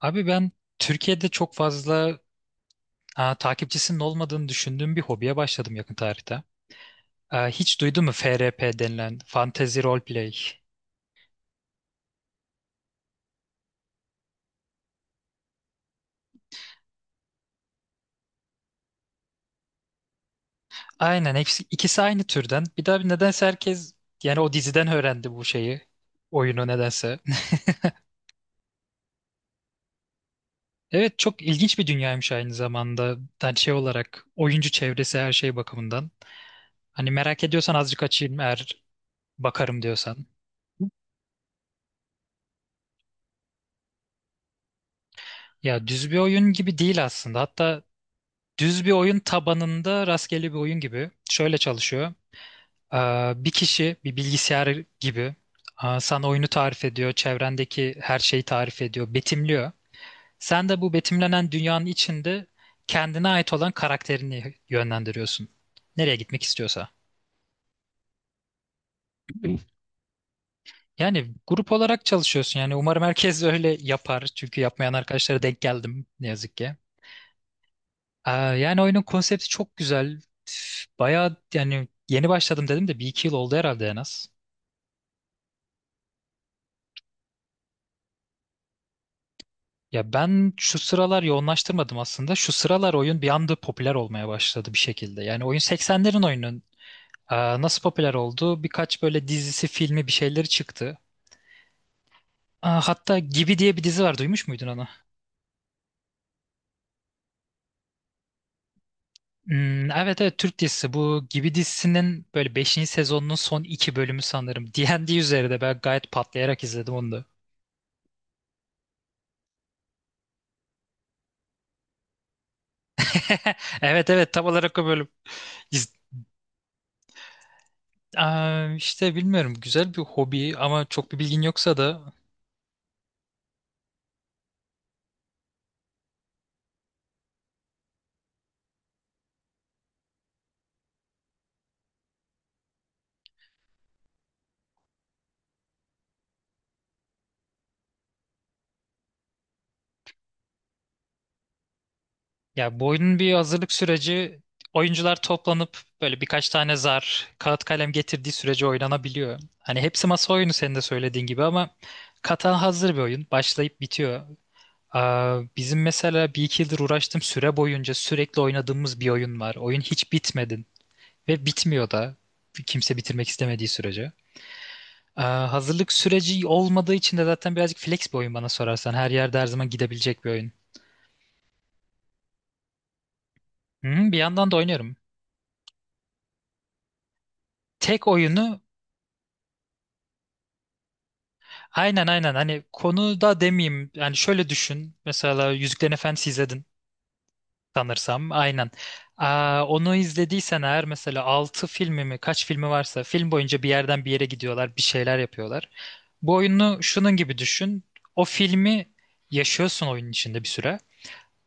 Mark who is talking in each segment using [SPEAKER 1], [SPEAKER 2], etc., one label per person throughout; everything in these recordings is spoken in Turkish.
[SPEAKER 1] Abi ben Türkiye'de çok fazla takipçisinin olmadığını düşündüğüm bir hobiye başladım yakın tarihte. Hiç duydun mu FRP denilen Fantasy Role Play? Aynen, hepsi ikisi aynı türden. Bir daha, bir nedense herkes yani o diziden öğrendi bu şeyi. Oyunu nedense. Evet, çok ilginç bir dünyaymış aynı zamanda. Yani şey olarak oyuncu çevresi, her şey bakımından. Hani merak ediyorsan azıcık açayım, eğer bakarım diyorsan. Ya düz bir oyun gibi değil aslında. Hatta düz bir oyun tabanında rastgele bir oyun gibi. Şöyle çalışıyor. Bir kişi bir bilgisayar gibi sana oyunu tarif ediyor, çevrendeki her şeyi tarif ediyor, betimliyor. Sen de bu betimlenen dünyanın içinde kendine ait olan karakterini yönlendiriyorsun. Nereye gitmek istiyorsa. Yani grup olarak çalışıyorsun. Yani umarım herkes öyle yapar. Çünkü yapmayan arkadaşlara denk geldim ne yazık ki. Yani oyunun konsepti çok güzel. Bayağı, yani yeni başladım dedim de bir iki yıl oldu herhalde en az. Ya ben şu sıralar yoğunlaştırmadım aslında. Şu sıralar oyun bir anda popüler olmaya başladı bir şekilde. Yani oyun 80'lerin oyunun e, nasıl popüler oldu? Birkaç böyle dizisi, filmi, bir şeyleri çıktı. Hatta Gibi diye bir dizi var. Duymuş muydun onu? Hmm, evet, evet, Türk dizisi. Bu Gibi dizisinin böyle beşinci sezonunun son 2 bölümü sanırım. D&D üzerinde ben gayet patlayarak izledim onu da. Evet, evet, tam olarak o bölüm. İz- işte bilmiyorum, güzel bir hobi ama çok bir bilgin yoksa da. Ya bu oyunun bir hazırlık süreci, oyuncular toplanıp böyle birkaç tane zar, kağıt, kalem getirdiği sürece oynanabiliyor. Hani hepsi masa oyunu senin de söylediğin gibi, ama katan hazır bir oyun. Başlayıp bitiyor. Bizim mesela bir iki yıldır uğraştığım süre boyunca sürekli oynadığımız bir oyun var. Oyun hiç bitmedi ve bitmiyor da, kimse bitirmek istemediği sürece. Hazırlık süreci olmadığı için de zaten birazcık flex bir oyun bana sorarsan. Her yerde her zaman gidebilecek bir oyun. Hı, bir yandan da oynuyorum. Tek oyunu. Aynen, aynen, hani konuda demeyeyim, yani şöyle düşün: mesela Yüzüklerin Efendisi izledin sanırsam. Aynen. Onu izlediysen eğer, mesela 6 filmi mi kaç filmi varsa, film boyunca bir yerden bir yere gidiyorlar, bir şeyler yapıyorlar. Bu oyunu şunun gibi düşün: o filmi yaşıyorsun oyunun içinde bir süre,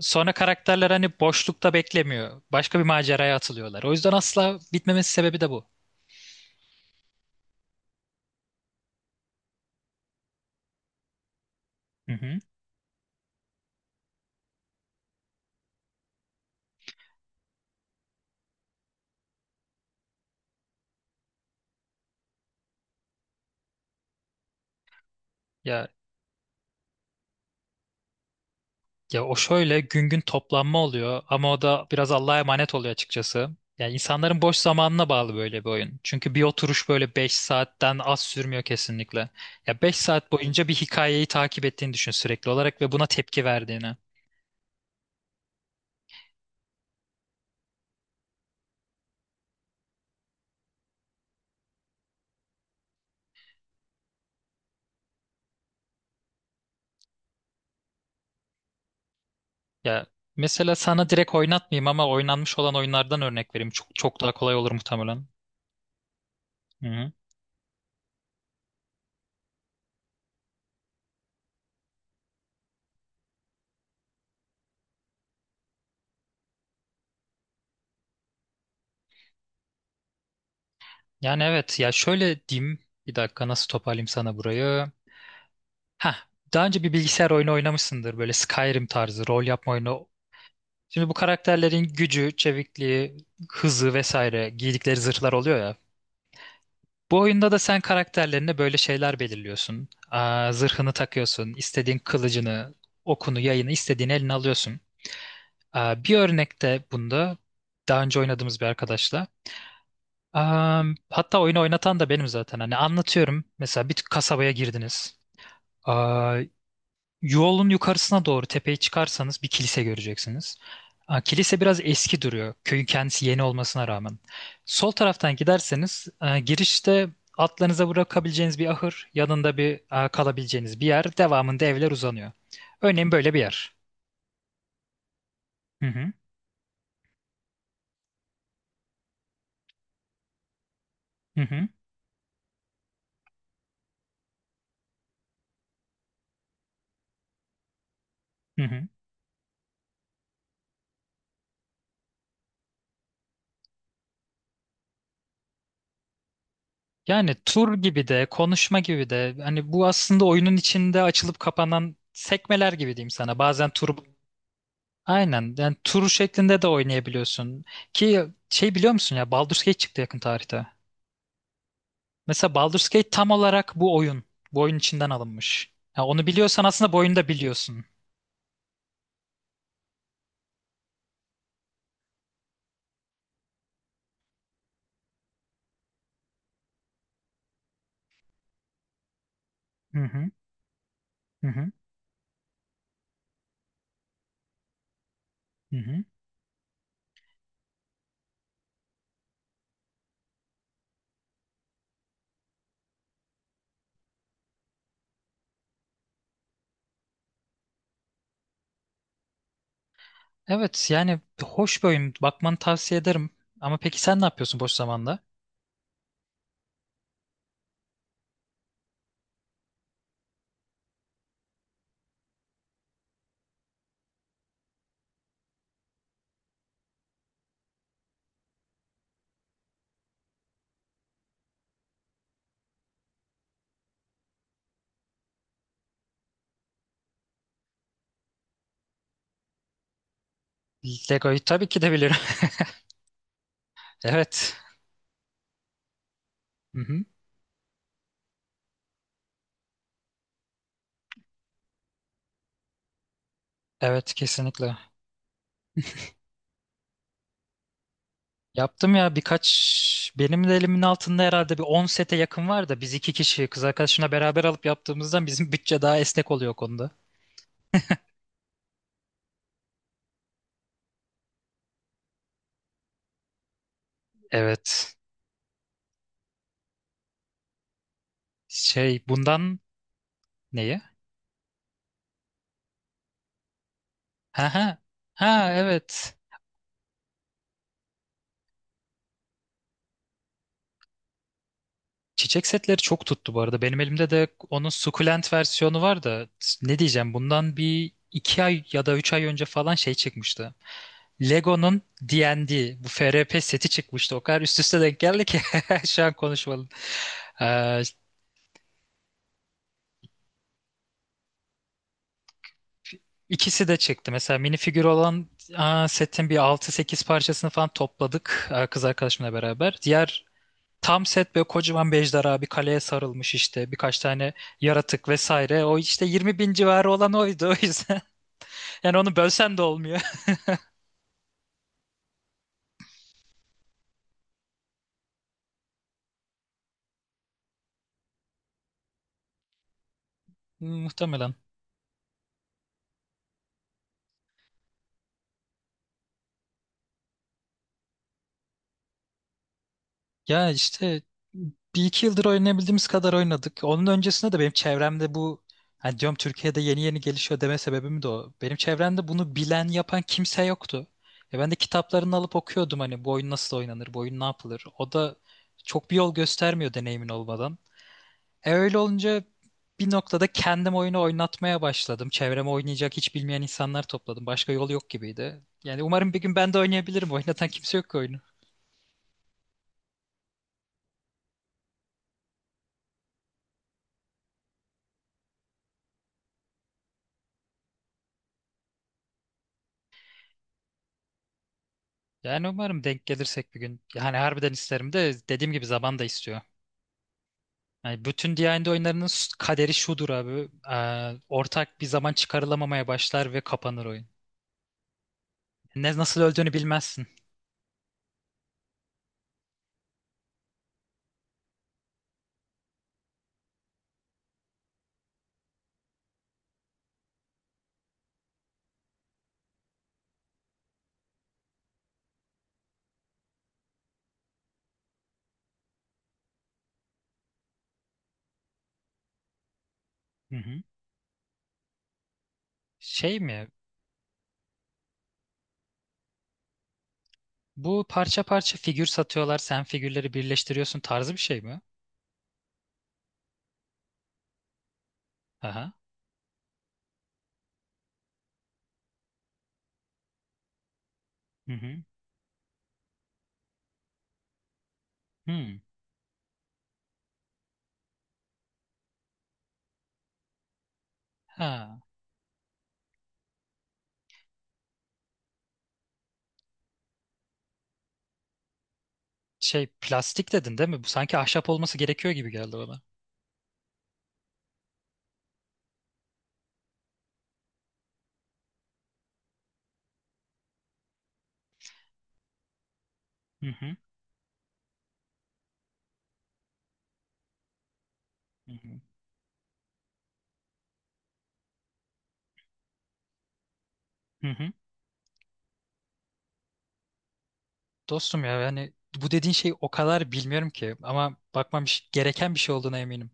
[SPEAKER 1] sonra karakterler hani boşlukta beklemiyor, başka bir maceraya atılıyorlar. O yüzden asla bitmemesi sebebi de bu. Hı hı. Ya Ya o şöyle gün gün toplanma oluyor, ama o da biraz Allah'a emanet oluyor açıkçası. Yani insanların boş zamanına bağlı böyle bir oyun. Çünkü bir oturuş böyle 5 saatten az sürmüyor kesinlikle. Ya 5 saat boyunca bir hikayeyi takip ettiğini düşün sürekli olarak ve buna tepki verdiğini. Ya mesela sana direkt oynatmayayım, ama oynanmış olan oyunlardan örnek vereyim. Çok çok daha kolay olur muhtemelen. Hı-hı. Yani evet, ya şöyle diyeyim. Bir dakika, nasıl toparlayayım sana burayı? Heh, daha önce bir bilgisayar oyunu oynamışsındır böyle Skyrim tarzı rol yapma oyunu. Şimdi bu karakterlerin gücü, çevikliği, hızı vesaire, giydikleri zırhlar oluyor ya. Bu oyunda da sen karakterlerine böyle şeyler belirliyorsun. Zırhını takıyorsun, istediğin kılıcını, okunu, yayını istediğin eline alıyorsun. Bir örnekte bunda, daha önce oynadığımız bir arkadaşla. Aa, Hatta oyunu oynatan da benim zaten. Hani anlatıyorum. Mesela bir kasabaya girdiniz. Aa, Yolun yukarısına doğru tepeye çıkarsanız bir kilise göreceksiniz. Kilise biraz eski duruyor. Köyün kendisi yeni olmasına rağmen. Sol taraftan giderseniz girişte atlarınıza bırakabileceğiniz bir ahır, yanında bir kalabileceğiniz bir yer, devamında evler uzanıyor. Örneğin böyle bir yer. Hı hı, hı hı, hı hı. Yani tur gibi de, konuşma gibi de, hani bu aslında oyunun içinde açılıp kapanan sekmeler gibi diyeyim sana. Bazen tur. Aynen. Yani tur şeklinde de oynayabiliyorsun. Ki şey, biliyor musun ya, Baldur's Gate çıktı yakın tarihte. Mesela Baldur's Gate tam olarak bu oyun. Bu oyun içinden alınmış. Ya onu biliyorsan aslında bu oyunu da biliyorsun. Hı hı. Hı hı. Hı hı. Evet, yani hoş bir oyun. Bakmanı tavsiye ederim. Ama peki sen ne yapıyorsun boş zamanda? Lego'yu tabii ki de bilirim. Evet. Hı hı. Evet, kesinlikle. Yaptım ya, birkaç benim de elimin altında herhalde bir 10 sete yakın var da, biz iki kişi kız arkadaşımla beraber alıp yaptığımızdan bizim bütçe daha esnek oluyor o konuda. Evet. Şey, bundan neyi? Ha ha. Ha, evet. Çiçek setleri çok tuttu bu arada. Benim elimde de onun sukulent versiyonu var da, ne diyeceğim, bundan bir iki ay ya da üç ay önce falan şey çıkmıştı. Lego'nun D&D, bu FRP seti çıkmıştı. O kadar üst üste denk geldi ki şu an konuşmadım. İkisi de çıktı. Mesela minifigür olan setin bir altı sekiz parçasını falan topladık, kız arkadaşımla beraber. Diğer tam set böyle kocaman bir ejderha, bir kaleye sarılmış işte, birkaç tane yaratık vesaire. O işte 20.000 civarı olan oydu, o yüzden. Yani onu bölsen de olmuyor. Muhtemelen. Ya işte, bir iki yıldır oynayabildiğimiz kadar oynadık. Onun öncesinde de benim çevremde bu, hani diyorum, Türkiye'de yeni yeni gelişiyor deme sebebim de o. Benim çevremde bunu bilen, yapan kimse yoktu. Ya ben de kitaplarını alıp okuyordum, hani bu oyun nasıl oynanır, bu oyun ne yapılır. O da çok bir yol göstermiyor deneyimin olmadan. E öyle olunca bir noktada kendim oyunu oynatmaya başladım. Çevreme oynayacak, hiç bilmeyen insanlar topladım. Başka yol yok gibiydi. Yani umarım bir gün ben de oynayabilirim. Oynatan kimse yok ki oyunu. Yani umarım denk gelirsek bir gün. Yani harbiden isterim, de dediğim gibi, zaman da istiyor. Yani bütün D&D oyunlarının kaderi şudur abi. Ortak bir zaman çıkarılamamaya başlar ve kapanır oyun. Ne, nasıl öldüğünü bilmezsin. Hı hı. Şey mi? Bu parça parça figür satıyorlar. Sen figürleri birleştiriyorsun tarzı bir şey mi? Aha. Hı hı. Hmm. Ha. Şey, plastik dedin değil mi? Bu sanki ahşap olması gerekiyor gibi geldi bana. Hı hı. Hı hı. Hı hı. Dostum ya, yani bu dediğin şeyi o kadar bilmiyorum ki, ama bakmam gereken bir şey olduğuna eminim.